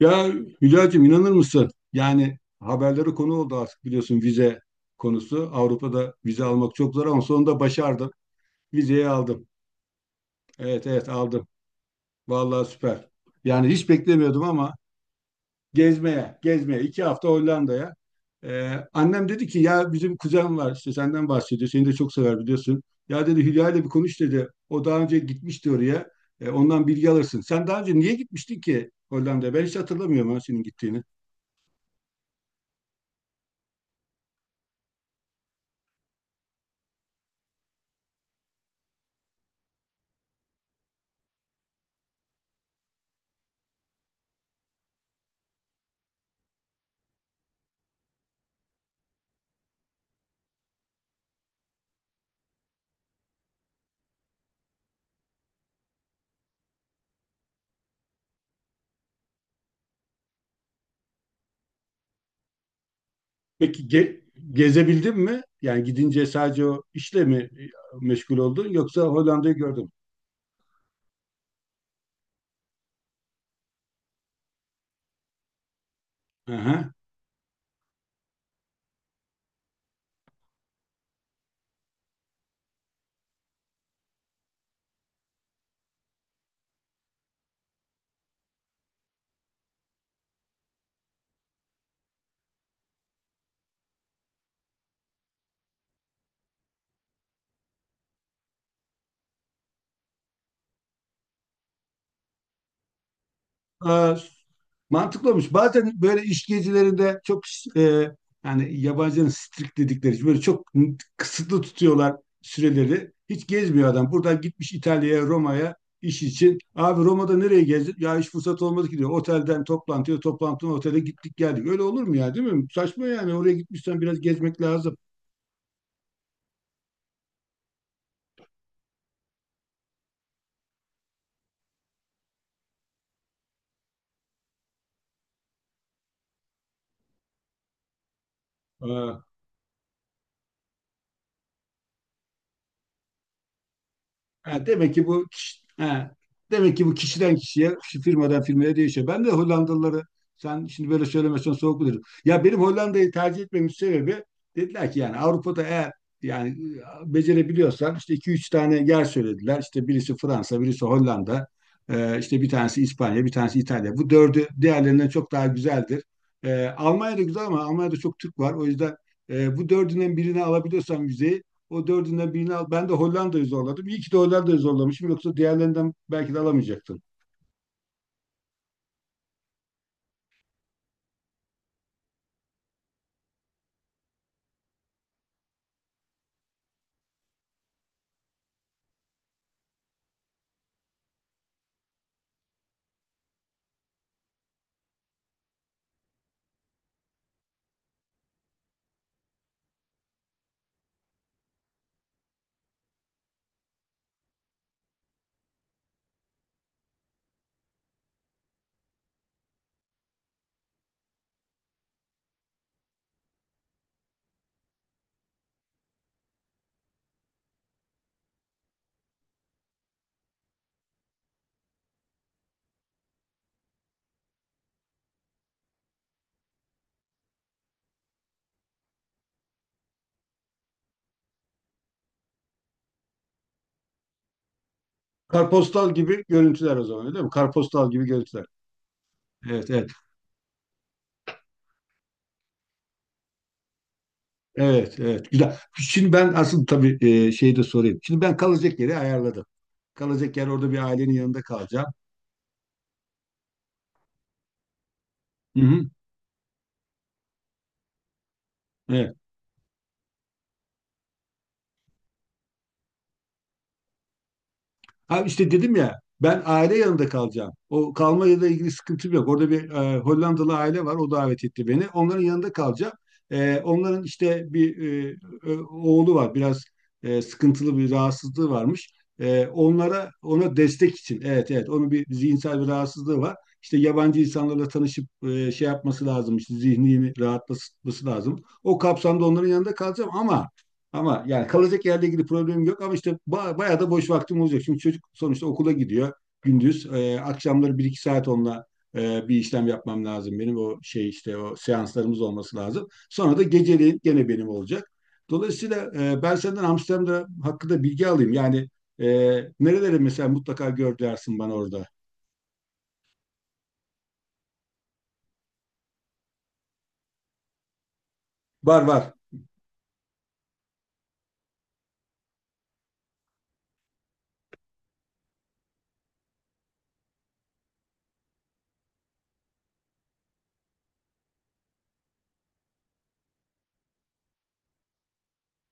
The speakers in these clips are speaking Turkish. Ya Hülya'cığım inanır mısın? Yani haberlere konu oldu artık biliyorsun vize konusu. Avrupa'da vize almak çok zor ama sonunda başardım. Vizeyi aldım. Evet, evet, aldım. Vallahi süper. Yani hiç beklemiyordum ama gezmeye, gezmeye. İki hafta Hollanda'ya. Annem dedi ki ya bizim kuzen var işte senden bahsediyor. Seni de çok sever biliyorsun. Ya dedi Hülya ile bir konuş dedi. O daha önce gitmişti oraya. Ondan bilgi alırsın. Sen daha önce niye gitmiştin ki Hollanda'ya? Ben hiç hatırlamıyorum ha senin gittiğini. Peki gezebildin mi? Yani gidince sadece o işle mi meşgul oldun yoksa Hollanda'yı gördün mü? Hı hı. Aa, mantıklı olmuş. Bazen böyle iş gezilerinde çok e, yani yabancının strict dedikleri böyle çok kısıtlı tutuyorlar süreleri. Hiç gezmiyor adam. Buradan gitmiş İtalya'ya, Roma'ya iş için. Abi Roma'da nereye gezdin? Ya hiç fırsat olmadı ki diyor. Otelden toplantıya, toplantıdan otele gittik geldik. Öyle olur mu ya, değil mi? Saçma yani. Oraya gitmişsen biraz gezmek lazım. Ha, demek ki bu kişiden kişiye, kişi firmadan firmaya değişiyor. Ben de Hollandalıları sen şimdi böyle söylemesen soğuk bulurum. Ya benim Hollanda'yı tercih etmemin sebebi dediler ki yani Avrupa'da eğer yani becerebiliyorsan işte iki üç tane yer söylediler. İşte birisi Fransa, birisi Hollanda, işte bir tanesi İspanya, bir tanesi İtalya. Bu dördü diğerlerinden çok daha güzeldir. Almanya da güzel ama Almanya'da çok Türk var. O yüzden bu dördünden birini alabiliyorsan vizeyi o dördünden birini al. Ben de Hollanda'yı zorladım. İyi ki de Hollanda'yı zorlamışım. Yoksa diğerlerinden belki de alamayacaktım. Karpostal gibi görüntüler o zaman değil mi? Karpostal gibi görüntüler. Evet, evet. Evet, evet. Güzel. Şimdi ben asıl tabii şeyi de sorayım. Şimdi ben kalacak yeri ayarladım. Kalacak yer orada bir ailenin yanında kalacağım. Hı hı. Evet. Ha, işte dedim ya ben aile yanında kalacağım. O kalmayla ilgili sıkıntım yok. Orada bir Hollandalı aile var. O davet etti beni. Onların yanında kalacağım. Onların işte bir e, oğlu var. Biraz sıkıntılı bir rahatsızlığı varmış. Onlara ona destek için. Evet, evet. Onun bir zihinsel bir rahatsızlığı var. İşte yabancı insanlarla tanışıp şey yapması lazım. İşte zihnini rahatlatması lazım. O kapsamda onların yanında kalacağım ama yani kalacak yerle ilgili problemim yok ama işte bayağı da boş vaktim olacak. Çünkü çocuk sonuçta okula gidiyor gündüz. Akşamları 1-2 saat onunla bir işlem yapmam lazım benim. O şey işte o seanslarımız olması lazım. Sonra da geceliğin gene benim olacak. Dolayısıyla ben senden Amsterdam'da hakkında bilgi alayım. Yani e, nereleri mesela mutlaka gör dersin bana orada. Var, var.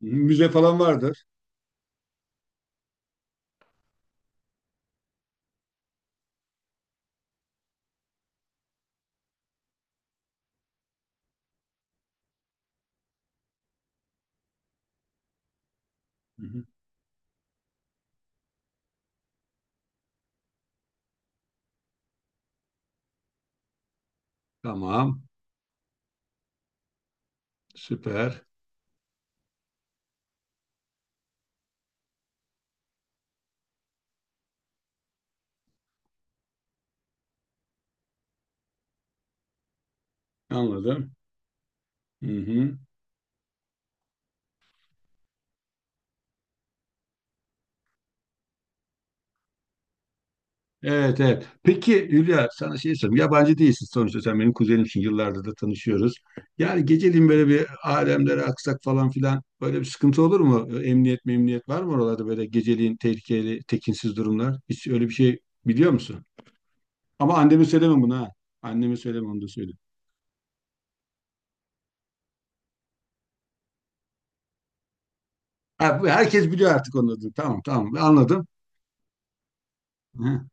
Müze falan vardır. Hı hı. Tamam. Süper. Anladım. Hı hı. Evet, evet. Peki Hülya, sana şey sorayım. Yabancı değilsin sonuçta, sen benim kuzenimsin. Yıllardır da tanışıyoruz. Yani geceliğin böyle bir alemlere aksak falan filan böyle bir sıkıntı olur mu? Emniyet memniyet var mı oralarda, böyle geceliğin tehlikeli, tekinsiz durumlar? Hiç öyle bir şey biliyor musun? Ama anneme söyleme bunu ha. Anneme söyleme onu da söyle. Ha, herkes biliyor artık onu da. Tamam, tamam, anladım. Hı,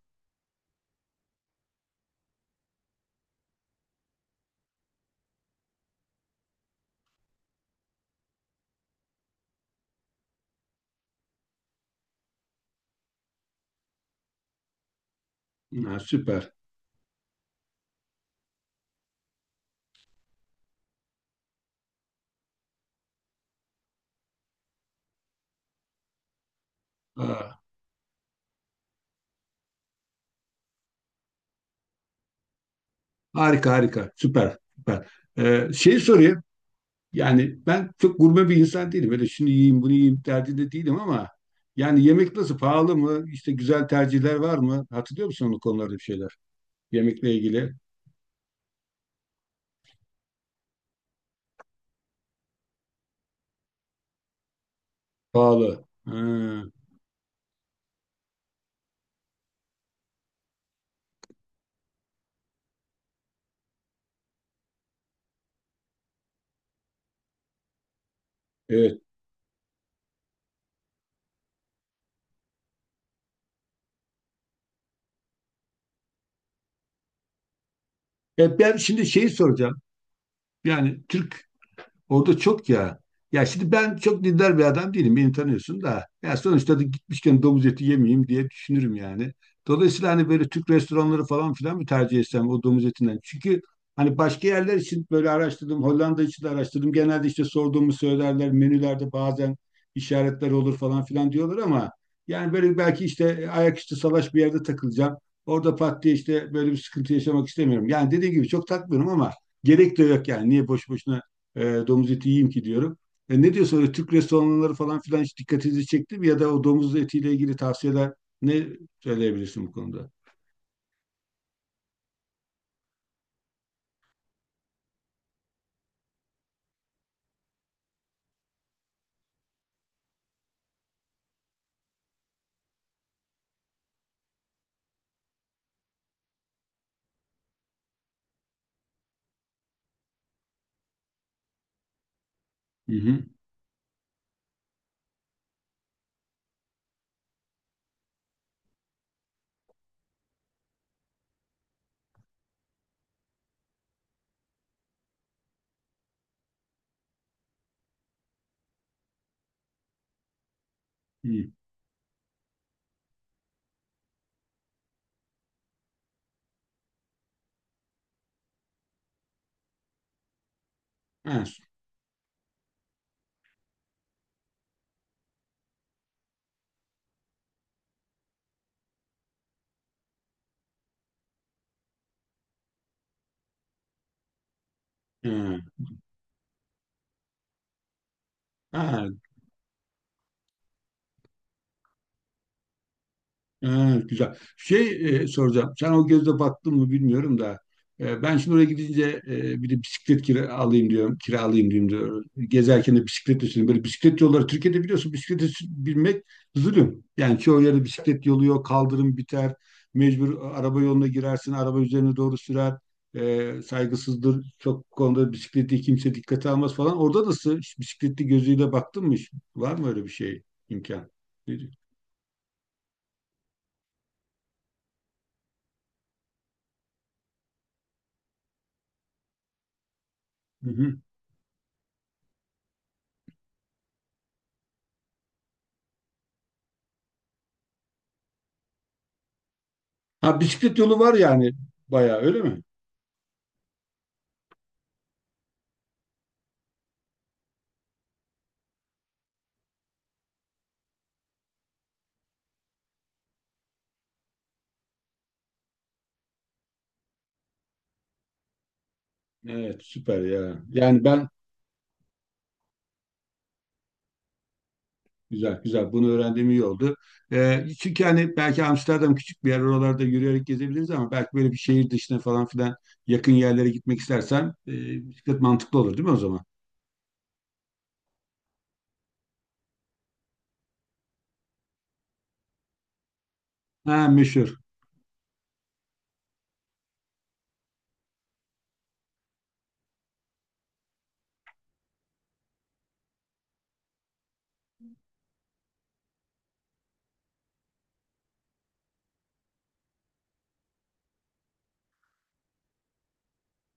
ha, süper. Ha, harika, harika, süper, süper. Şey sorayım. Yani ben çok gurme bir insan değilim. Böyle şunu yiyeyim, bunu yiyeyim derdinde değilim ama yani yemek nasıl? Pahalı mı? İşte güzel tercihler var mı? Hatırlıyor musun o konularda bir şeyler? Yemekle ilgili. Pahalı. Ha, evet. Ben şimdi şeyi soracağım. Yani Türk orada çok ya. Ya şimdi ben çok dindar bir adam değilim. Beni tanıyorsun da. Ya sonuçta da gitmişken domuz eti yemeyeyim diye düşünürüm yani. Dolayısıyla hani böyle Türk restoranları falan filan mı tercih etsem, o domuz etinden? Çünkü hani başka yerler için böyle araştırdım. Hollanda için de araştırdım. Genelde işte sorduğumu söylerler. Menülerde bazen işaretler olur falan filan diyorlar ama yani böyle belki işte ayaküstü salaş bir yerde takılacağım. Orada pat diye işte böyle bir sıkıntı yaşamak istemiyorum. Yani dediğim gibi çok takmıyorum ama gerek de yok yani. Niye boş boşuna e, domuz eti yiyeyim ki diyorum. Ne diyorsun, öyle Türk restoranları falan filan hiç dikkatinizi çekti mi? Ya da o domuz etiyle ilgili tavsiyeler ne söyleyebilirsin bu konuda? Hı hı. Hı. Ha, ha. Ha. Ha, güzel. Şey soracağım. Sen o gözle baktın mı bilmiyorum da. Ben şimdi oraya gidince bir de bisiklet kira alayım diyorum. Kiralayayım diyorum diyor. Gezerken de bisiklet üstüne. Böyle bisiklet yolları, Türkiye'de biliyorsun bisiklete binmek zulüm. Yani çoğu yerde bisiklet yolu yok. Kaldırım biter. Mecbur araba yoluna girersin. Araba üzerine doğru sürer. Saygısızdır. Çok konuda bisikleti kimse dikkate almaz falan. Orada nasıl? Hiç bisikletli gözüyle baktın mı hiç? Var mı öyle bir şey, imkan? Hı hı. Ha, bisiklet yolu var yani bayağı, öyle mi? Evet, süper ya. Yani ben, güzel güzel bunu öğrendiğim iyi oldu. Çünkü hani belki Amsterdam küçük bir yer, oralarda yürüyerek gezebiliriz ama belki böyle bir şehir dışına falan filan yakın yerlere gitmek istersen bisiklet mantıklı olur değil mi o zaman? Ha, meşhur.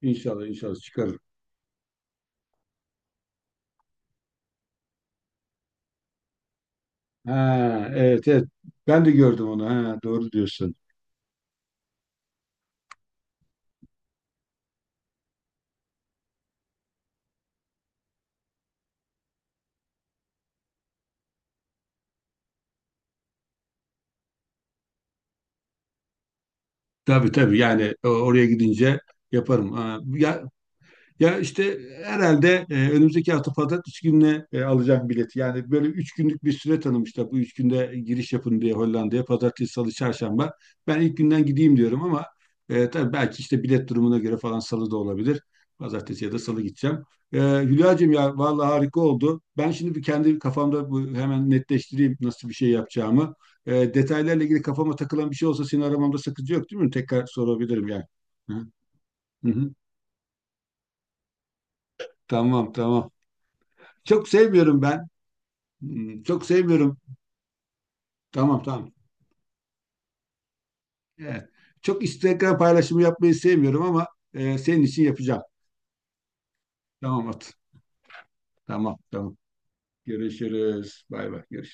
İnşallah, inşallah çıkarır. Ha, evet, evet, ben de gördüm onu. Ha, doğru diyorsun. Tabii, tabii, yani oraya gidince yaparım. Ha, ya, işte herhalde önümüzdeki hafta pazartesi gününe alacağım bileti. Yani böyle üç günlük bir süre tanımışlar. Bu üç günde giriş yapın diye Hollanda'ya. Pazartesi, salı, çarşamba. Ben ilk günden gideyim diyorum ama tabii belki işte bilet durumuna göre falan salı da olabilir. Pazartesi ya da salı gideceğim. Hülya'cığım ya vallahi harika oldu. Ben şimdi bir kendi kafamda bu, hemen netleştireyim nasıl bir şey yapacağımı. Detaylarla ilgili kafama takılan bir şey olsa seni aramamda sakınca yok değil mi? Tekrar sorabilirim yani. Hı hı. Tamam, tamam. Çok sevmiyorum ben. Çok sevmiyorum. Tamam, tamam. Evet. Çok Instagram paylaşımı yapmayı sevmiyorum ama senin için yapacağım. Tamam, at. Tamam, tamam. Görüşürüz. Bay bay. Görüşürüz.